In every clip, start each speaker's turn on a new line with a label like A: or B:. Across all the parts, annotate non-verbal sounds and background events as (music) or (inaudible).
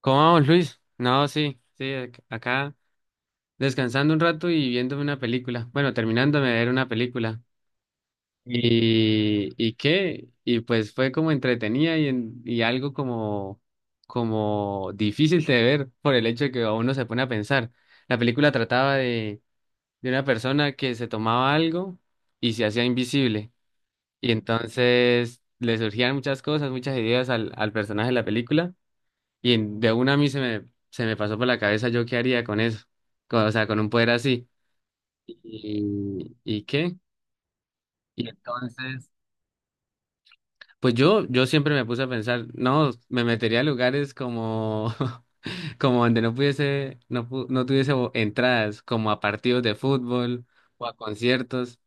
A: ¿Cómo vamos, Luis? No, sí, sí, acá descansando un rato y viéndome una película. Bueno, terminándome de ver una película. ¿Y qué? Y pues fue como entretenida y algo como, como difícil de ver por el hecho de que a uno se pone a pensar. La película trataba de una persona que se tomaba algo y se hacía invisible. Y entonces le surgían muchas cosas, muchas ideas al personaje de la película. Y de una a mí se me pasó por la cabeza yo qué haría con eso, o sea, con un poder así. ¿Y qué? Y entonces, pues yo siempre me puse a pensar, no, me metería a lugares como, (laughs) como donde no pudiese, no, no tuviese entradas, como a partidos de fútbol o a conciertos.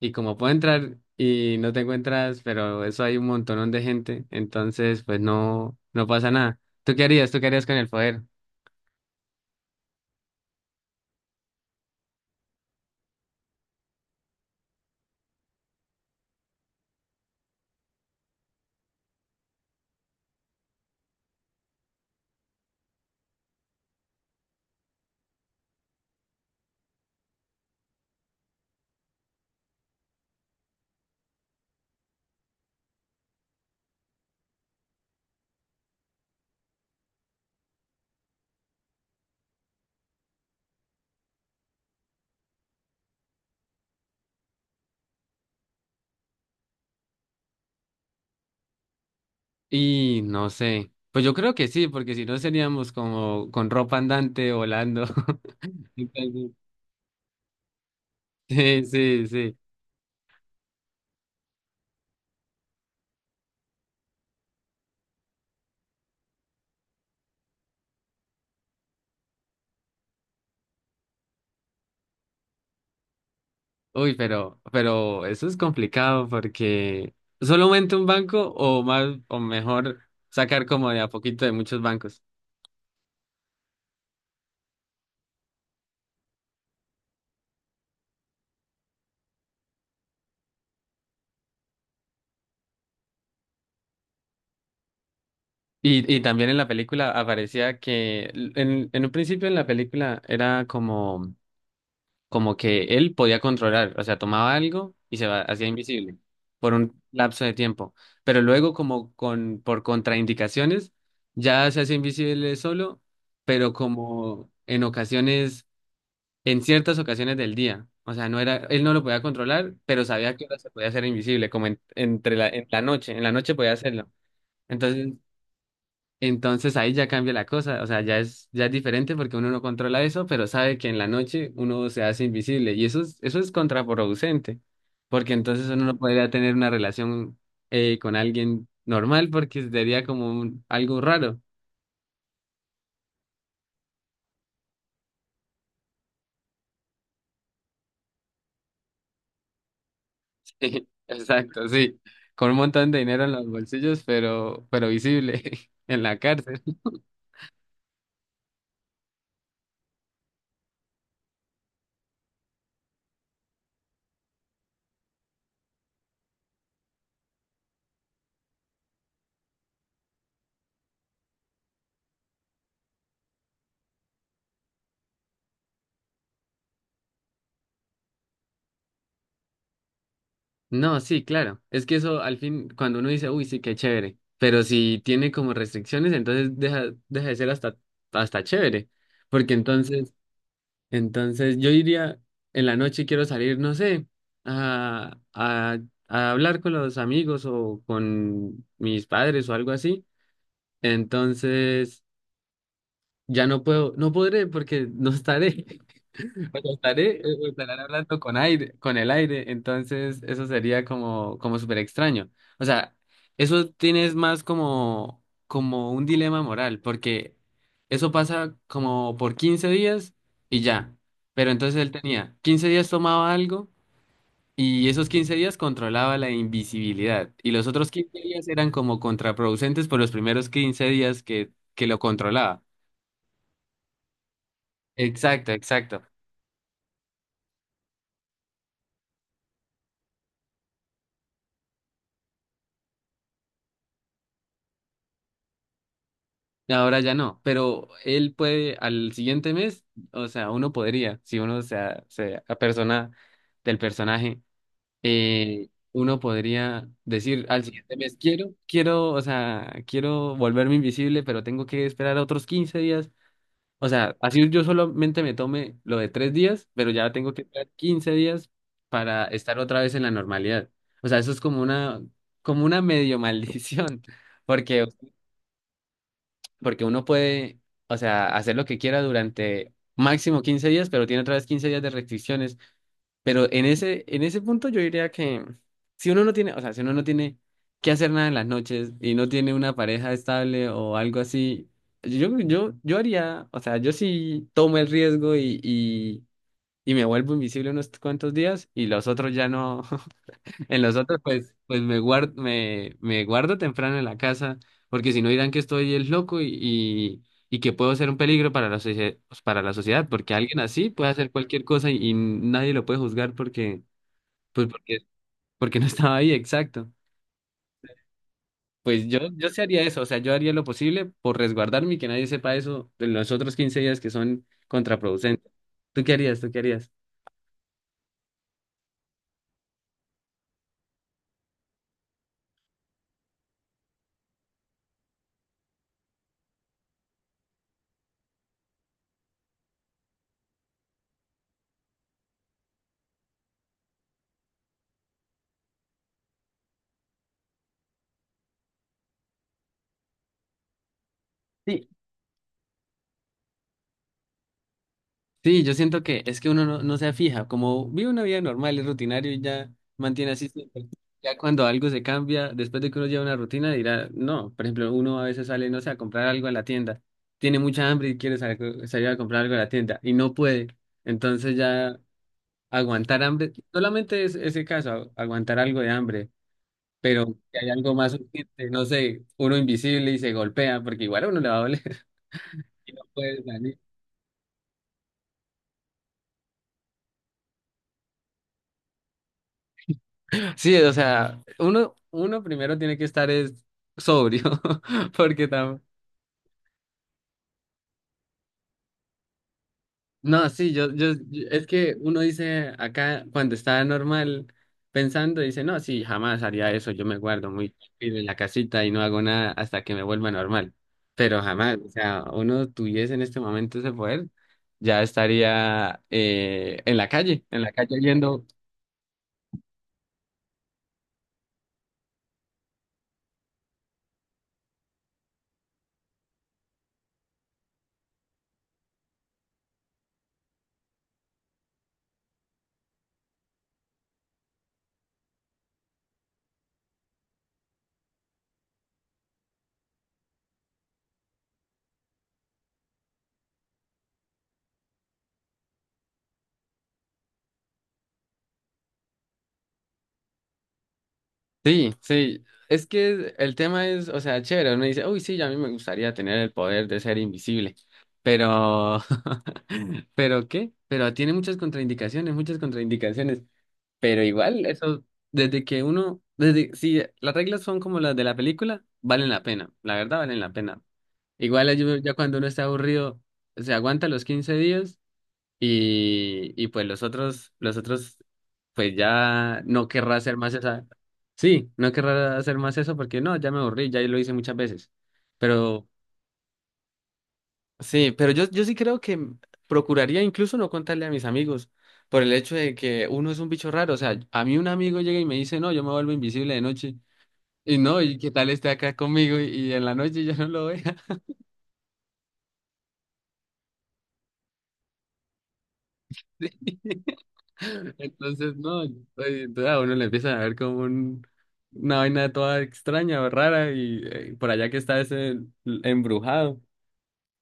A: Y como puedo entrar y no tengo entradas, pero eso hay un montonón de gente, entonces pues no, no pasa nada. ¿Tú qué harías? ¿Tú qué harías con el poder? Y no sé. Pues yo creo que sí, porque si no seríamos como con ropa andante volando. (laughs) Entonces, sí, sí, sí. Uy, pero eso es complicado porque solamente un banco o más, o mejor sacar como de a poquito de muchos bancos. Y también en la película aparecía que en un principio en la película era como como que él podía controlar, o sea, tomaba algo y hacía invisible por un lapso de tiempo, pero luego como con por contraindicaciones ya se hace invisible solo, pero como en ocasiones, en ciertas ocasiones del día, o sea, no era, él no lo podía controlar, pero sabía que ahora se podía hacer invisible, como en la noche podía hacerlo. Entonces entonces ahí ya cambia la cosa, o sea, ya es diferente porque uno no controla eso, pero sabe que en la noche uno se hace invisible y eso es contraproducente, porque entonces uno no podría tener una relación con alguien normal porque sería como algo raro. (laughs) Sí, exacto, sí, con un montón de dinero en los bolsillos, pero visible (laughs) en la cárcel. No, sí, claro. Es que eso al fin, cuando uno dice, uy, sí, qué chévere, pero si tiene como restricciones, entonces deja de ser hasta chévere. Porque entonces yo iría en la noche y quiero salir, no sé, a, a, a hablar con los amigos o con mis padres o algo así. Entonces, ya no puedo, no podré porque no estaré. (laughs) O sea, estaré, o estarán hablando con aire, con el aire, entonces eso sería como, como súper extraño. O sea, eso tienes más como, como un dilema moral, porque eso pasa como por 15 días y ya. Pero entonces él tenía 15 días tomaba algo y esos 15 días controlaba la invisibilidad. Y los otros 15 días eran como contraproducentes por los primeros 15 días que lo controlaba. Exacto, exacto. Ahora ya no, pero él puede al siguiente mes, o sea, uno podría, si se apersona del personaje, uno podría decir al siguiente mes, o sea, quiero volverme invisible, pero tengo que esperar otros 15 días. O sea, así yo solamente me tome lo de 3 días, pero ya tengo que esperar 15 días para estar otra vez en la normalidad. O sea, eso es como una medio maldición. (laughs) Porque, porque uno puede, o sea, hacer lo que quiera durante máximo 15 días, pero tiene otra vez 15 días de restricciones. Pero en ese punto yo diría que si uno no tiene, o sea, si uno no tiene que hacer nada en las noches y no tiene una pareja estable o algo así, yo haría, o sea, yo sí tomo el riesgo y me vuelvo invisible unos cuantos días y los otros ya no. (laughs) En los otros, pues, me guardo temprano en la casa, porque si no dirán que estoy el loco y que puedo ser un peligro para la pues, para la sociedad, porque alguien así puede hacer cualquier cosa y nadie lo puede juzgar porque, pues porque, porque no (laughs) estaba ahí, exacto. Pues yo sí haría eso, o sea, yo haría lo posible por resguardarme y que nadie sepa eso en los otros 15 días que son contraproducentes. ¿Tú qué harías? ¿Tú qué harías? Sí, sí, yo siento que es que uno no se fija, como vive una vida normal, es rutinario y ya mantiene así siempre. Ya cuando algo se cambia, después de que uno lleva una rutina, dirá, no, por ejemplo, uno a veces sale, no sé, a comprar algo a la tienda, tiene mucha hambre y quiere salir a comprar algo a la tienda y no puede, entonces ya aguantar hambre, solamente es ese caso, aguantar algo de hambre, pero si hay algo más urgente, no sé, uno invisible y se golpea, porque igual a uno le va a doler (laughs) y no puede salir. Sí, o sea, uno primero tiene que estar es sobrio, (laughs) porque tam- no, sí, es que uno dice acá, cuando está normal pensando, dice, no, sí, jamás haría eso, yo me guardo muy tranquilo en la casita y no hago nada hasta que me vuelva normal. Pero jamás, o sea, uno tuviese en este momento ese poder, ya estaría en la calle, en la calle. Sí, sí, es que el tema es, o sea, chévere, uno dice, uy, sí, a mí me gustaría tener el poder de ser invisible, pero, (laughs) pero ¿qué? Pero tiene muchas contraindicaciones, pero igual eso, desde que uno, desde, si las reglas son como las de la película, valen la pena, la verdad valen la pena. Igual yo- ya cuando uno está aburrido, se aguanta los 15 días y pues los otros, pues ya no querrá hacer más esa. Sí, no querrá hacer más eso porque no, ya me aburrí, ya lo hice muchas veces. Pero sí, pero yo sí creo que procuraría incluso no contarle a mis amigos por el hecho de que uno es un bicho raro. O sea, a mí un amigo llega y me dice, no, yo me vuelvo invisible de noche. Y no, ¿y qué tal esté acá conmigo y en la noche ya no lo vea? (laughs) (laughs) Entonces, no, yo estoy- entonces a uno le empiezan a ver como una vaina toda extraña o rara y por allá que está ese embrujado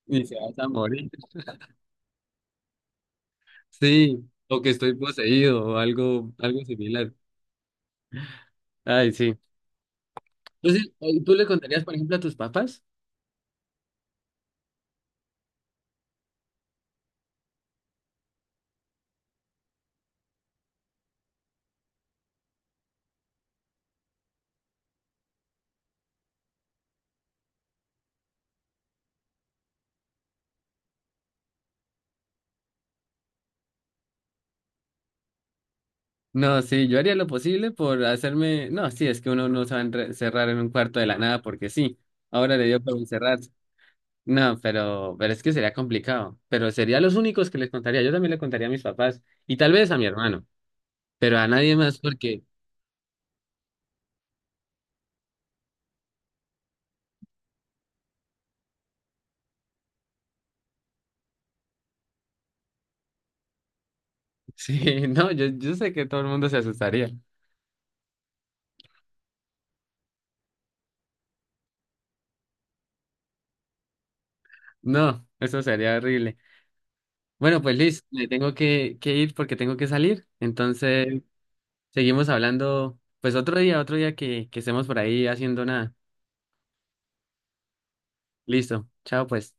A: y se vas a morir. Sí, o que estoy poseído o algo similar. Ay, sí. Entonces, ¿tú le contarías, por ejemplo, a tus papás? No, sí, yo haría lo posible por hacerme. No, sí, es que uno no se va a encerrar en un cuarto de la nada porque sí. Ahora le dio por encerrarse. No, pero es que sería complicado. Pero sería los únicos que les contaría. Yo también le contaría a mis papás y tal vez a mi hermano, pero a nadie más porque, (laughs) sí, no, yo sé que todo el mundo se asustaría. No, eso sería horrible. Bueno, pues Liz, me tengo que ir porque tengo que salir. Entonces, seguimos hablando, pues otro día que estemos por ahí haciendo nada. Listo, chao pues.